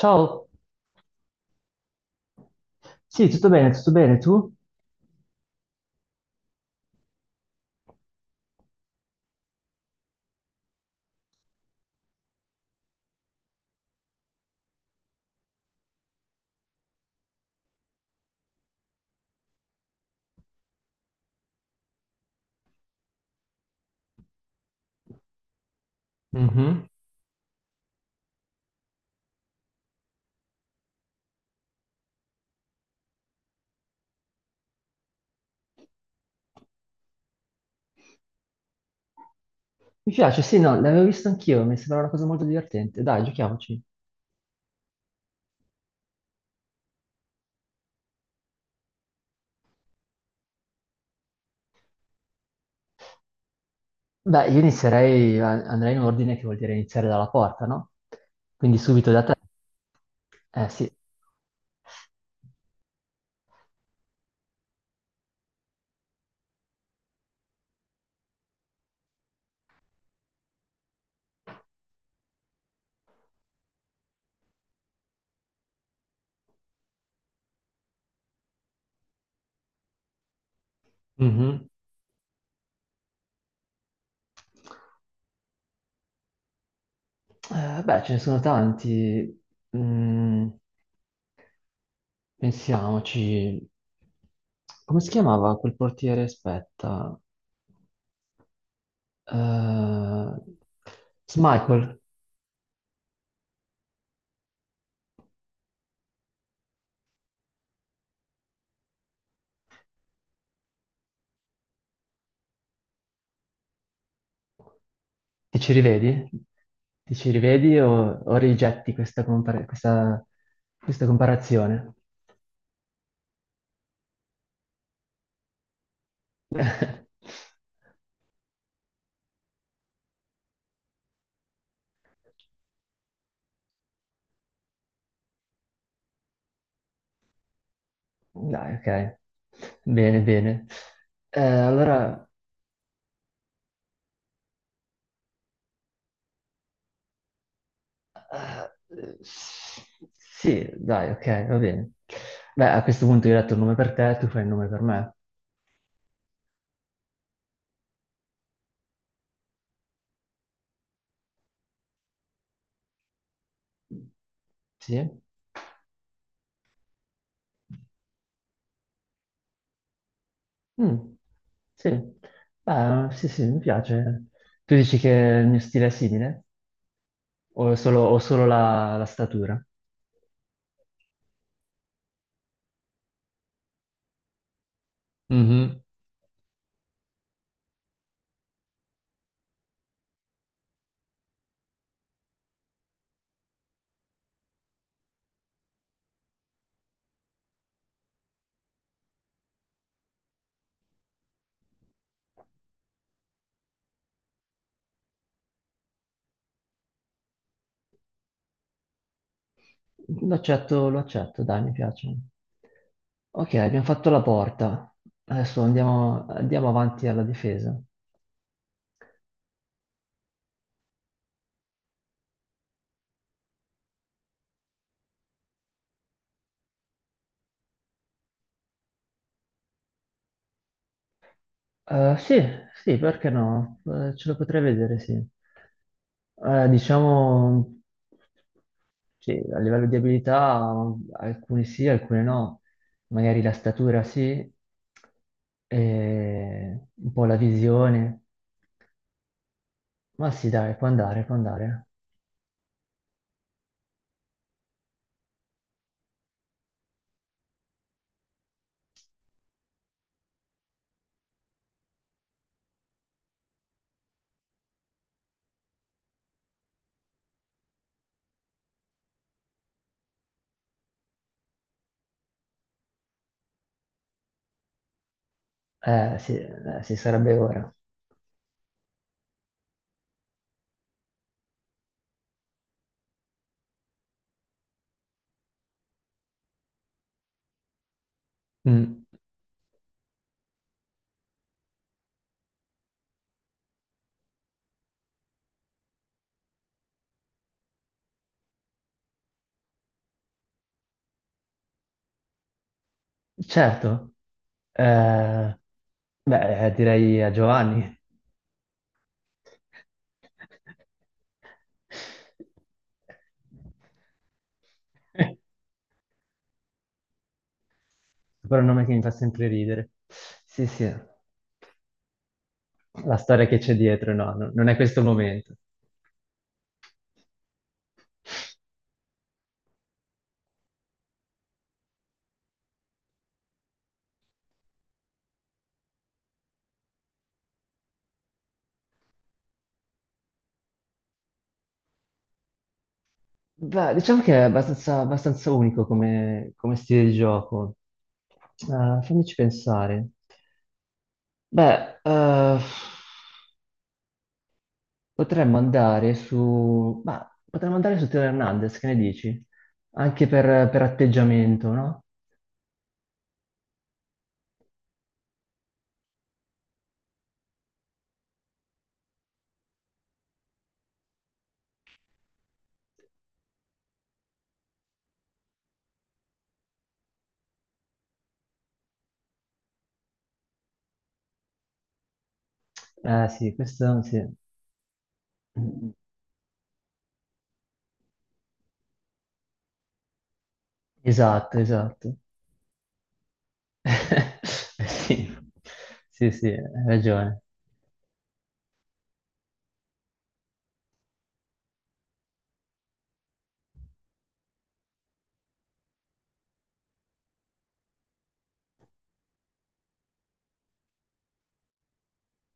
Ciao, sì, tutto bene, tu? Mhm. Mi piace, sì, no, l'avevo visto anch'io, mi sembra una cosa molto divertente. Dai, giochiamoci. Beh, io inizierei, andrei in ordine, che vuol dire iniziare dalla porta, no? Quindi subito da te. Eh sì. Mhm. Beh, ce ne sono tanti. Mm, pensiamoci. Come si chiamava quel portiere? Aspetta. Eh, Smichael. Ti ci rivedi? Ti ci rivedi o rigetti questa, questa comparazione? Dai, ok. Bene, bene. Eh, allora, sì, dai, ok, va bene. Beh, a questo punto io ho detto il nome per te, tu fai il nome per me. Sì? Mm, sì. Beh, sì, sì, mi piace. Tu dici che il mio stile è simile? O solo la statura? Mhm. Lo accetto, dai, mi piace. Ok, abbiamo fatto la porta. Adesso andiamo, andiamo avanti alla difesa. Sì, sì, perché no? Ce lo potrei vedere, sì. Diciamo, sì, a livello di abilità, alcune sì, alcune no. Magari la statura sì, e un po' la visione. Ma sì, dai, può andare, può andare. Sì, sì, sarebbe ora. Mm, certo. Eh, beh, direi a Giovanni. Però è un nome che mi fa sempre ridere. Sì, sì, la storia che c'è dietro, no, no, non è questo il momento. Beh, diciamo che è abbastanza, abbastanza unico come, come stile di gioco. Fammici pensare. Beh, potremmo andare su... Ma potremmo andare su Teo Hernandez, che ne dici? Anche per atteggiamento, no? Eh sì, questo sì. Esatto, esatto. Sì, sì, sì, hai ragione.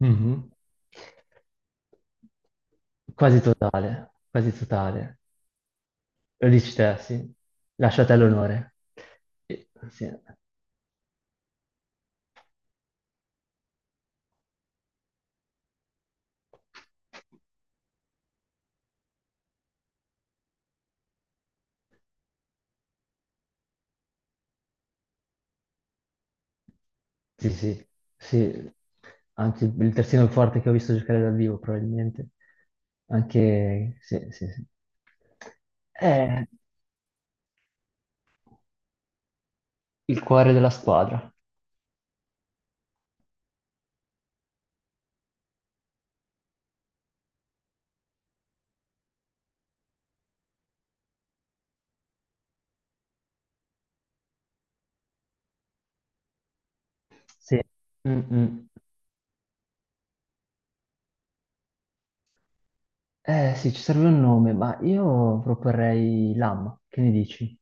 Mhm. Quasi totale, quasi totale. Lo dici te, sì. Lasciate all'onore. Sì. Sì, sì, sì, anche il terzino forte che ho visto giocare dal vivo, probabilmente. Anche, sì, sì, sì. Eh, il cuore della squadra. Sì. Mm, mm. Sì, ci serve un nome, ma io proporrei Lam, che ne dici?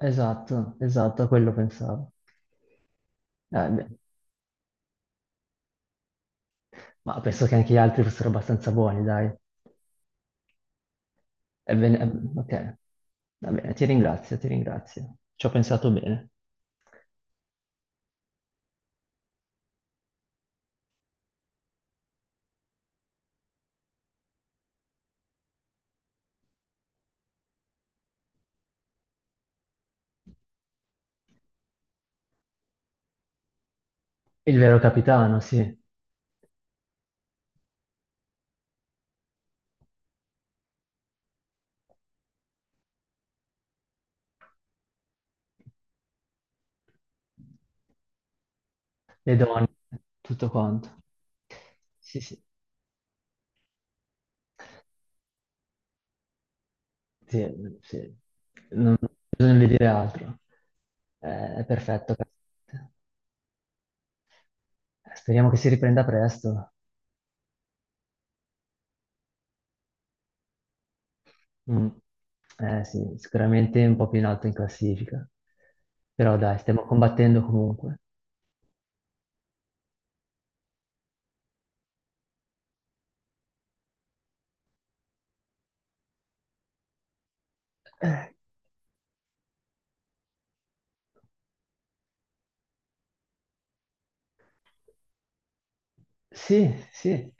Esatto, esatto, a quello pensavo. Beh, ma penso che anche gli altri fossero abbastanza buoni, dai. Ebbene, ok, va bene, ti ringrazio, ti ringrazio. Ci ho pensato bene. Il vero capitano, sì. Le donne, tutto quanto. Sì, sì, sì, sì. Non non bisogna di dire altro. È perfetto. Speriamo che si riprenda presto. Mm. Sì, sicuramente un po' più in alto in classifica. Però dai, stiamo combattendo comunque. Eh, Sì, sì.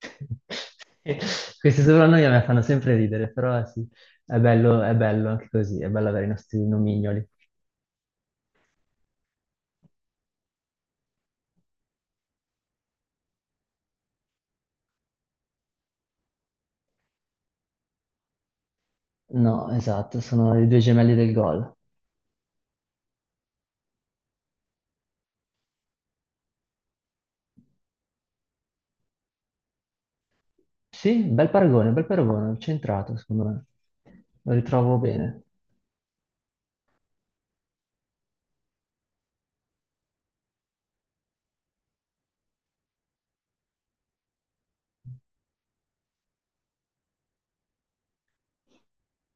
Questi soprannomi a me fanno sempre ridere, però sì, è bello anche così, è bello avere i nostri nomignoli. No, esatto, sono i due gemelli del gol. Sì, bel paragone, centrato, secondo me. Lo ritrovo bene.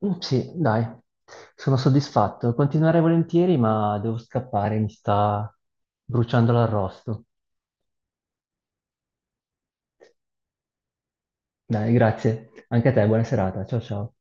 Mm, sì, dai, sono soddisfatto. Continuerei volentieri, ma devo scappare, mi sta bruciando l'arrosto. Dai, grazie. Anche a te, buona serata. Ciao ciao.